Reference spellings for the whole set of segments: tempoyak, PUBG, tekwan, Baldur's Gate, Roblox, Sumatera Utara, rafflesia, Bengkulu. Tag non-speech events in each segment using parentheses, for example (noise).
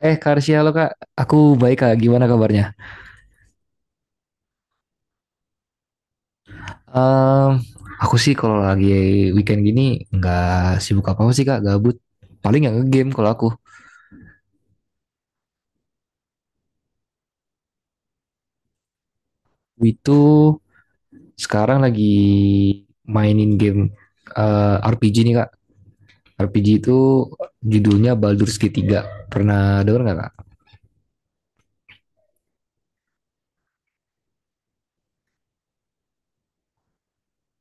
Karsia, lo Kak. Aku baik, Kak. Gimana kabarnya? Em, aku sih kalau lagi weekend gini nggak sibuk apa-apa sih, Kak. Gabut. Paling nggak nge-game kalau aku. Itu sekarang lagi mainin game RPG nih, Kak. RPG itu judulnya Baldur's Gate 3. Pernah denger nggak, Kak?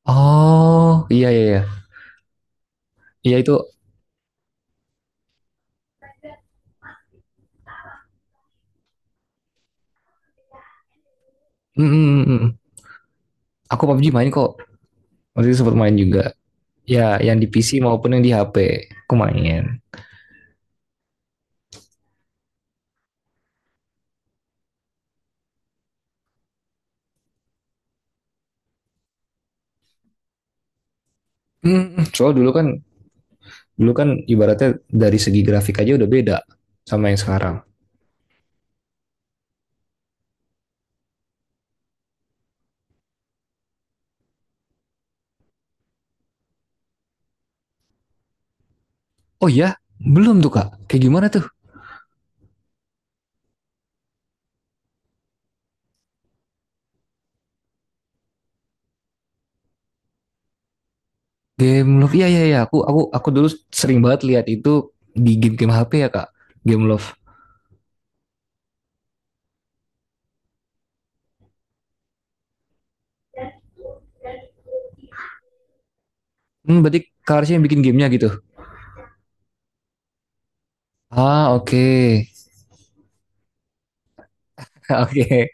Oh, iya, iya, iya. Iya, itu. Mm, mm, mm, mm. Aku PUBG main kok. Waktu itu sempat main juga. Ya, yang di PC maupun yang di HP. Aku main. Hmm, soal dulu kan Dulu kan ibaratnya dari segi grafik aja udah beda sama yang sekarang. Oh ya, belum tuh Kak. Kayak gimana tuh? Game Love, iya, iya, iya. Aku dulu sering banget lihat itu di game-game HP ya Kak. Game Love. Berarti Kak Arsy yang bikin gamenya gitu. Ah, oke. Okay. (laughs) Oke. Okay.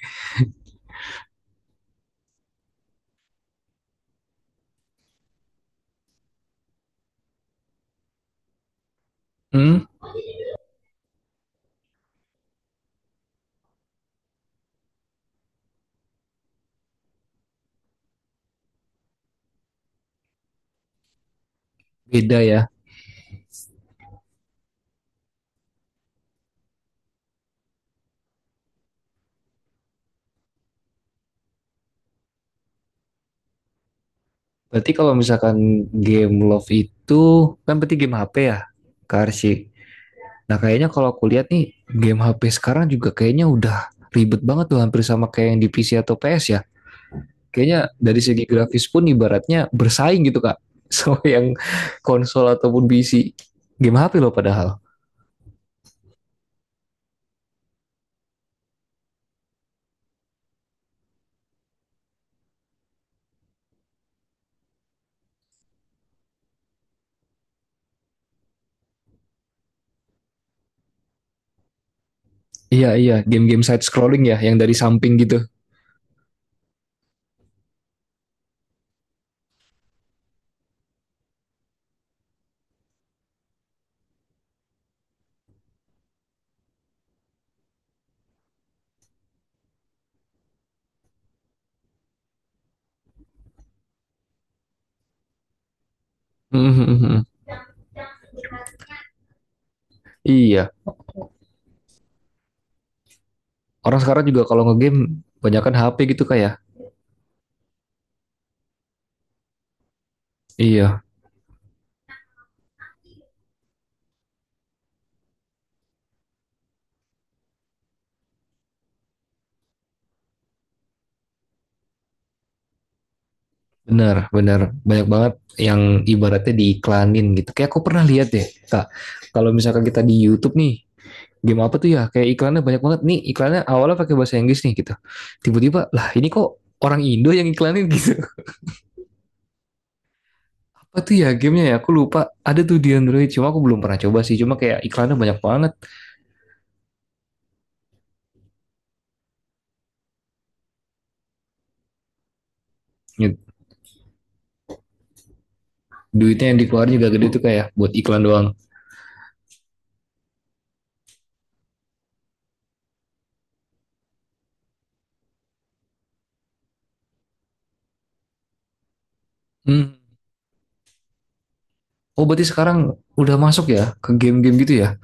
Hmm, Beda ya. Berarti kalau misalkan game Love itu kan berarti game HP ya, Kak Arsy. Nah, kayaknya kalau aku lihat nih game HP sekarang juga kayaknya udah ribet banget tuh, hampir sama kayak yang di PC atau PS ya. Kayaknya dari segi grafis pun ibaratnya bersaing gitu Kak, (laughs) sama yang konsol ataupun PC, game HP loh padahal. Iya, iya, game-game side scrolling ya, yang dari samping gitu. (laughs) Mm-hmm. Iya, orang sekarang juga kalau ngegame banyakkan HP gitu Kak ya? Iya, benar, benar, banyak banget yang ibaratnya diiklanin gitu, kayak aku pernah lihat deh Kak. Kalau misalkan kita di YouTube nih, game apa tuh ya, kayak iklannya banyak banget nih, iklannya awalnya pakai bahasa Inggris nih gitu, tiba-tiba lah ini kok orang Indo yang iklanin. (laughs) Gitu. Apa tuh ya gamenya ya? Aku lupa. Ada tuh di Android. Cuma aku belum pernah coba sih. Cuma kayak iklannya banyak banget. Duitnya yang dikeluarin juga gede tuh, kayak buat iklan doang. Hmm. Oh, berarti sekarang udah masuk ya ke game-game gitu ya?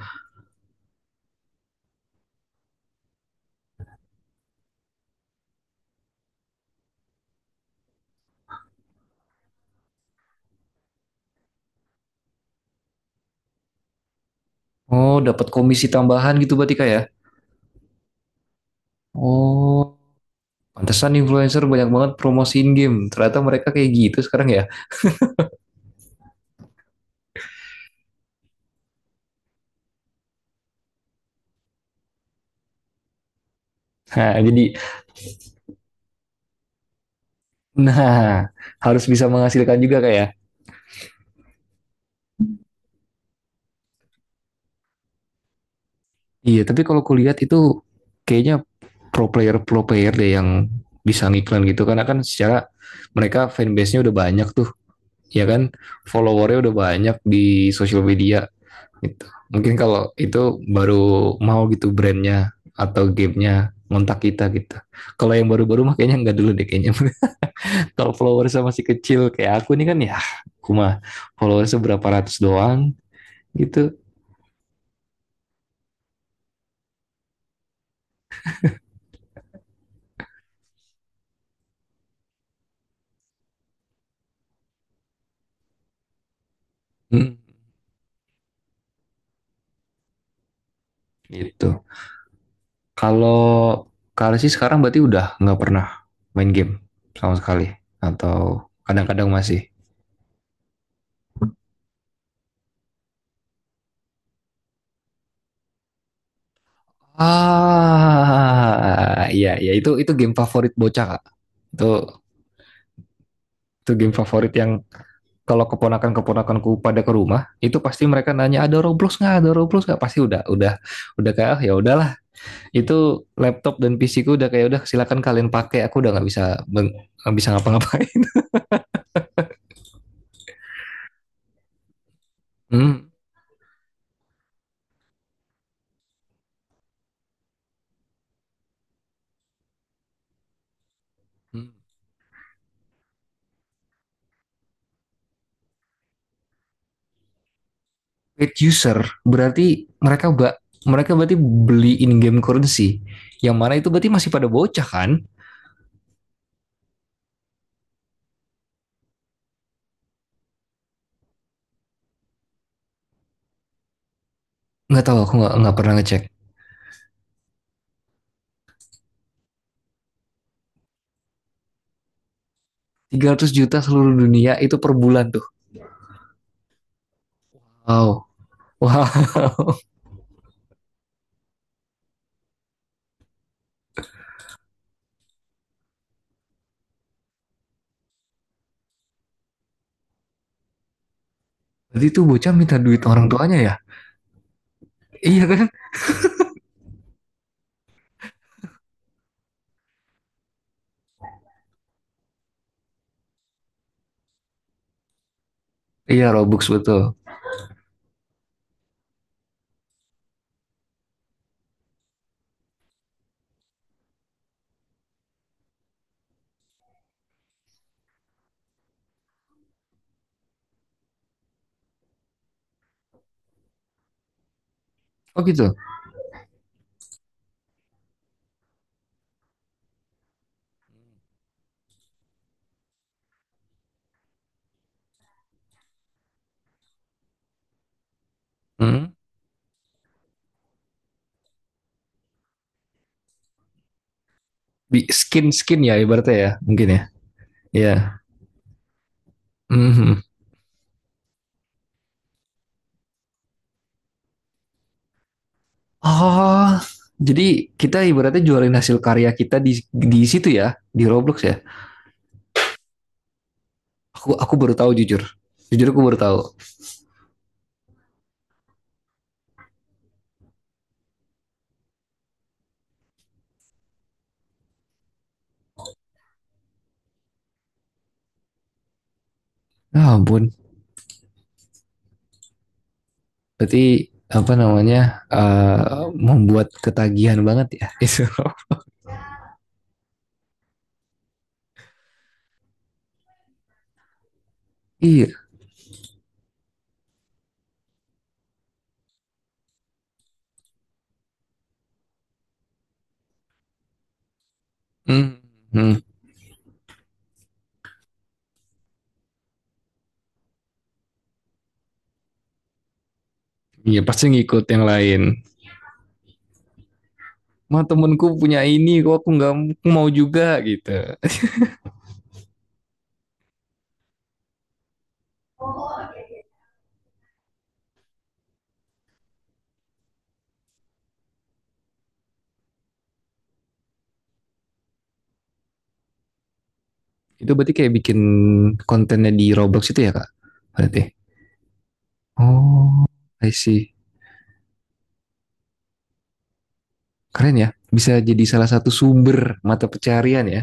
Oh, dapat komisi tambahan gitu berarti Kak ya? Oh, pantesan influencer banyak banget promosiin game. Ternyata mereka kayak gitu sekarang ya. Nah, jadi nah, harus bisa menghasilkan juga Kak ya. Iya, tapi kalau kulihat itu kayaknya pro player, pro player deh yang bisa ngiklan gitu, karena kan secara mereka fanbase-nya udah banyak tuh, ya kan? Followernya udah banyak di sosial media gitu. Mungkin kalau itu baru mau gitu brandnya atau gamenya ngontak kita gitu. Kalau yang baru-baru mah kayaknya nggak dulu deh kayaknya. (laughs) Kalau followersnya masih kecil kayak aku nih kan ya, aku mah followersnya berapa ratus doang gitu. Hmm, gitu. Kalau Kak sih sekarang berarti udah nggak pernah main game sama sekali, atau kadang-kadang masih. Ah, iya, iya, itu game favorit bocah Kak. Itu itu game favorit yang kalau keponakan-keponakanku pada ke rumah, itu pasti mereka nanya, "Ada Roblox nggak, ada Roblox nggak," pasti udah kayak, "Ah, ya udahlah. Itu laptop dan PC ku udah kayak, udah, silakan kalian pakai, aku udah nggak bisa ngapa-ngapain." (laughs) Hmm. Paid user berarti mereka berarti beli in game currency, yang mana itu berarti masih pada bocah kan. Nggak tahu, aku nggak pernah ngecek. 300 juta seluruh dunia itu per bulan tuh? Wow, wow. (laughs) Berarti tuh bocah minta duit orang tuanya ya, iya kan. Iya, robux betul. Oh, gitu. Hmm? Skin, skin ya, ibaratnya ya, mungkin ya. Iya. Mhm. Oh, jadi kita ibaratnya jualin hasil karya kita di situ ya, di roblox ya. Aku baru tahu jujur. Jujur, aku baru tahu. Ya ampun. Berarti apa namanya, membuat ketagihan banget ya itu. (laughs) Iya. Hmm. Hmm. Iya, pasti ngikut yang lain. "Ma, temenku punya ini kok, aku nggak mau juga gitu." Itu berarti kayak bikin kontennya di Roblox itu ya Kak? Berarti. Oh, I see. Keren ya. Bisa jadi salah satu sumber mata pencarian ya.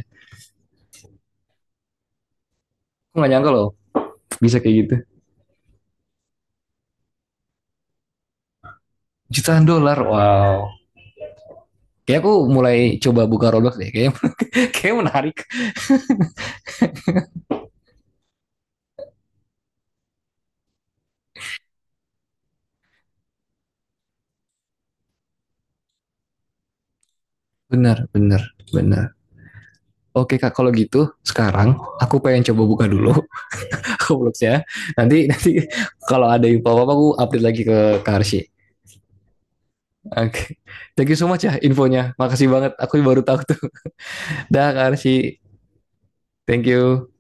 Aku nggak nyangka loh bisa kayak gitu. Jutaan dolar, wow. Kayak aku mulai coba buka Roblox deh. Kayaknya (laughs) kayak menarik. Bener, bener, bener. Oke Kak, kalau gitu sekarang aku pengen coba buka dulu (laughs) Robloxnya. Nanti, nanti kalau ada info apa aku update lagi ke Karsi. Oke, okay. Thank you so much ya infonya. Makasih banget. Aku baru tahu tuh. (laughs) Dah Karsi, thank you.